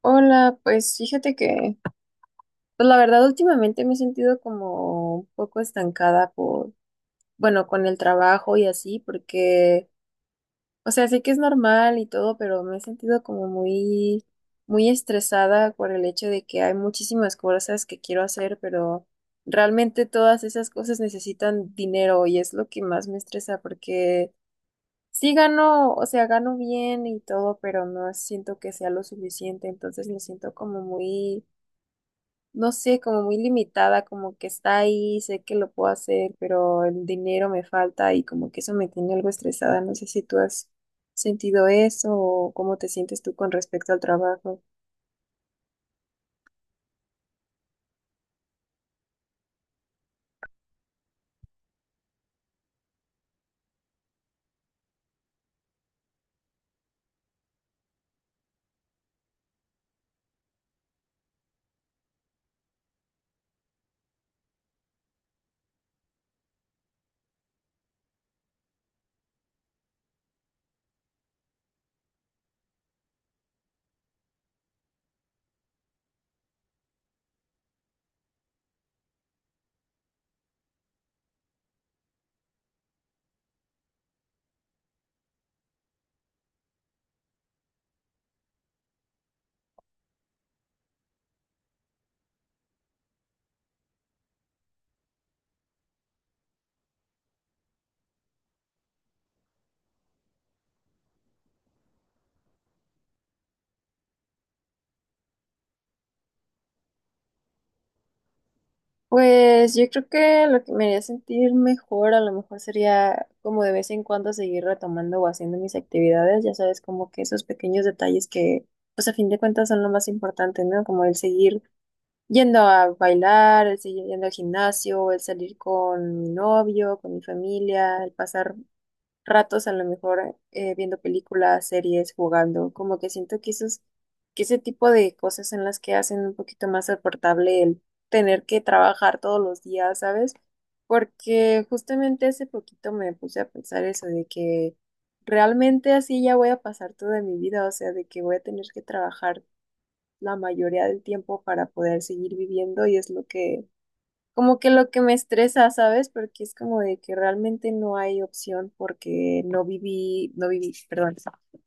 Hola, pues fíjate que, pues la verdad últimamente me he sentido como un poco estancada por, bueno, con el trabajo y así, porque, o sea, sé que es normal y todo, pero me he sentido como muy, muy estresada por el hecho de que hay muchísimas cosas que quiero hacer, pero realmente todas esas cosas necesitan dinero y es lo que más me estresa porque sí gano, o sea, gano bien y todo, pero no siento que sea lo suficiente, entonces me siento como muy, no sé, como muy limitada, como que está ahí, sé que lo puedo hacer, pero el dinero me falta y como que eso me tiene algo estresada. ¿No sé si tú has sentido eso o cómo te sientes tú con respecto al trabajo? Pues yo creo que lo que me haría sentir mejor a lo mejor sería como de vez en cuando seguir retomando o haciendo mis actividades, ya sabes, como que esos pequeños detalles que pues a fin de cuentas son lo más importante, ¿no? Como el seguir yendo a bailar, el seguir yendo al gimnasio, el salir con mi novio, con mi familia, el pasar ratos a lo mejor viendo películas, series, jugando, como que siento que esos, que ese tipo de cosas son las que hacen un poquito más soportable el tener que trabajar todos los días, ¿sabes? Porque justamente hace poquito me puse a pensar eso de que realmente así ya voy a pasar toda mi vida, o sea, de que voy a tener que trabajar la mayoría del tiempo para poder seguir viviendo y es lo que, como que lo que me estresa, ¿sabes? Porque es como de que realmente no hay opción porque no viví, perdón,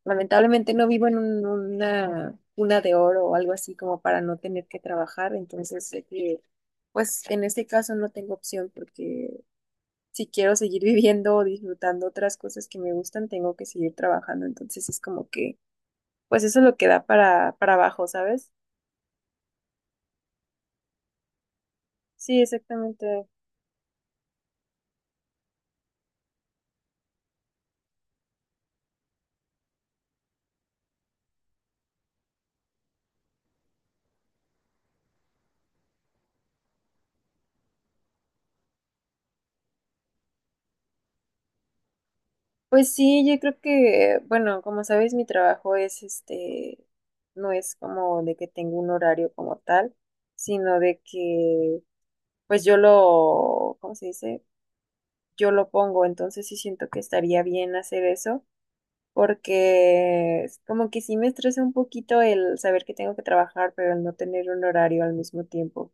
lamentablemente no vivo en una cuna de oro o algo así como para no tener que trabajar, entonces sé que, pues en este caso no tengo opción porque... Si quiero seguir viviendo o disfrutando otras cosas que me gustan, tengo que seguir trabajando. Entonces es como que pues eso es lo que da para abajo, ¿sabes? Sí, exactamente. Pues sí, yo creo que, bueno, como sabes, mi trabajo es este, no es como de que tengo un horario como tal, sino de que, pues yo lo, ¿cómo se dice? Yo lo pongo, entonces sí siento que estaría bien hacer eso, porque es como que sí me estresa un poquito el saber que tengo que trabajar, pero el no tener un horario al mismo tiempo.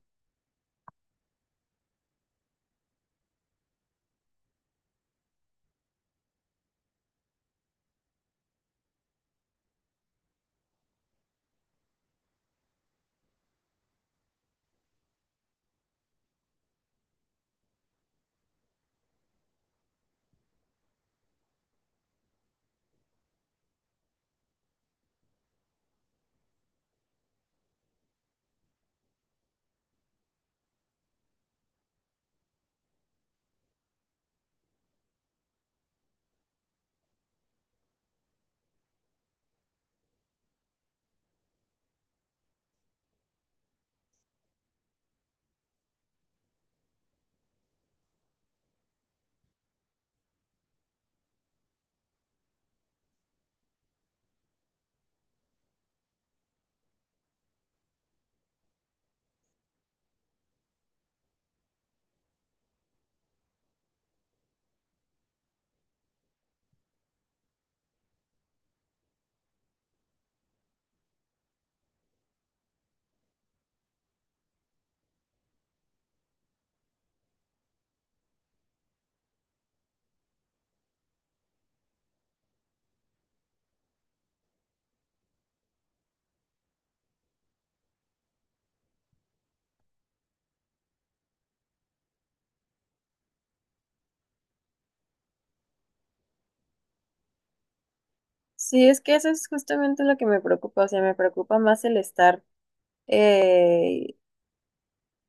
Sí, es que eso es justamente lo que me preocupa, o sea, me preocupa más el estar. eh,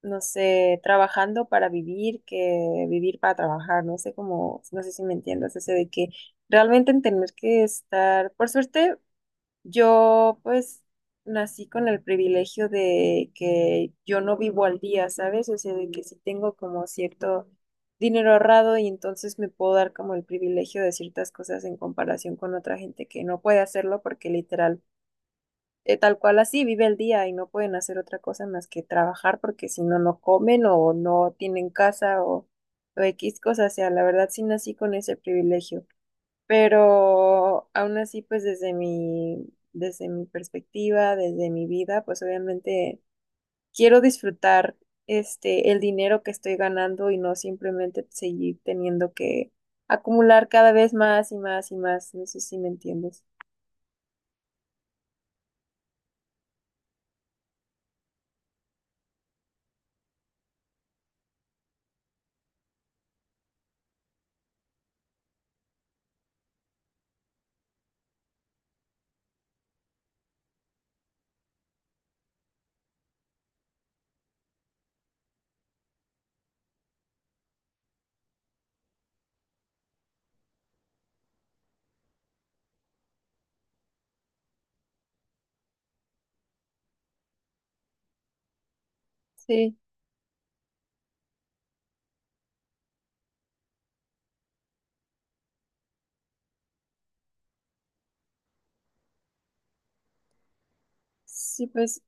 no sé, trabajando para vivir que vivir para trabajar, no sé cómo, no sé si me entiendas, ese de que realmente en tener que estar, por suerte, yo pues nací con el privilegio de que yo no vivo al día, ¿sabes? O sea, de que sí tengo como cierto dinero ahorrado y entonces me puedo dar como el privilegio de ciertas cosas en comparación con otra gente que no puede hacerlo porque literal tal cual así vive el día y no pueden hacer otra cosa más que trabajar porque si no, no comen o no tienen casa o X cosas. O sea, la verdad sí nací con ese privilegio. Pero aún así, pues desde mi perspectiva, desde mi vida, pues obviamente quiero disfrutar el dinero que estoy ganando y no simplemente seguir teniendo que acumular cada vez más y más y más. No sé si me entiendes. Sí, sí, pues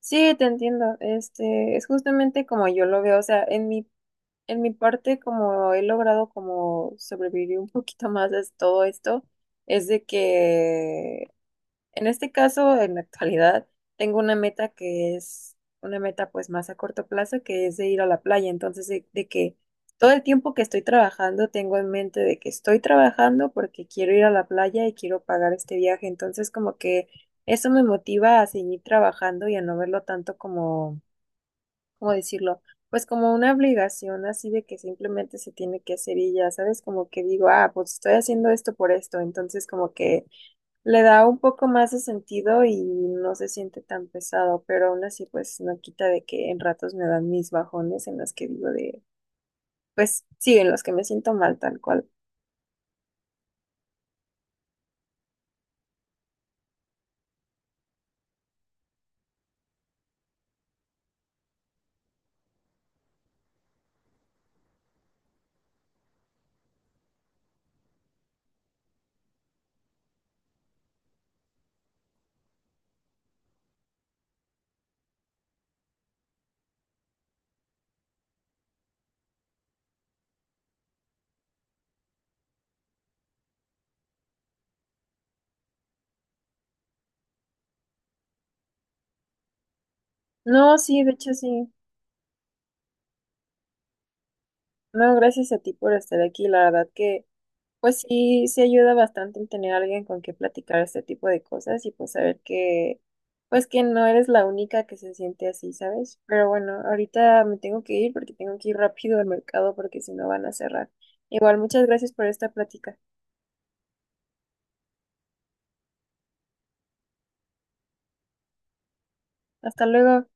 sí, te entiendo. Este, es justamente como yo lo veo. O sea, en mi parte, como he logrado como sobrevivir un poquito más a todo esto, es de que en este caso, en la actualidad, tengo una meta que es una meta pues más a corto plazo, que es de ir a la playa. Entonces, de que todo el tiempo que estoy trabajando, tengo en mente de que estoy trabajando porque quiero ir a la playa y quiero pagar este viaje. Entonces, como que eso me motiva a seguir trabajando y a no verlo tanto como, ¿cómo decirlo? Pues como una obligación así de que simplemente se tiene que hacer y ya, ¿sabes? Como que digo, ah, pues estoy haciendo esto por esto. Entonces, como que... Le da un poco más de sentido y no se siente tan pesado, pero aún así pues no quita de que en ratos me dan mis bajones en los que digo de, pues sí, en los que me siento mal tal cual. No, sí, de hecho sí. No, gracias a ti por estar aquí. La verdad que pues sí, sí ayuda bastante el tener a alguien con quien platicar este tipo de cosas y pues saber que, pues que no eres la única que se siente así, ¿sabes? Pero bueno, ahorita me tengo que ir porque tengo que ir rápido al mercado porque si no van a cerrar. Igual, muchas gracias por esta plática. Hasta luego.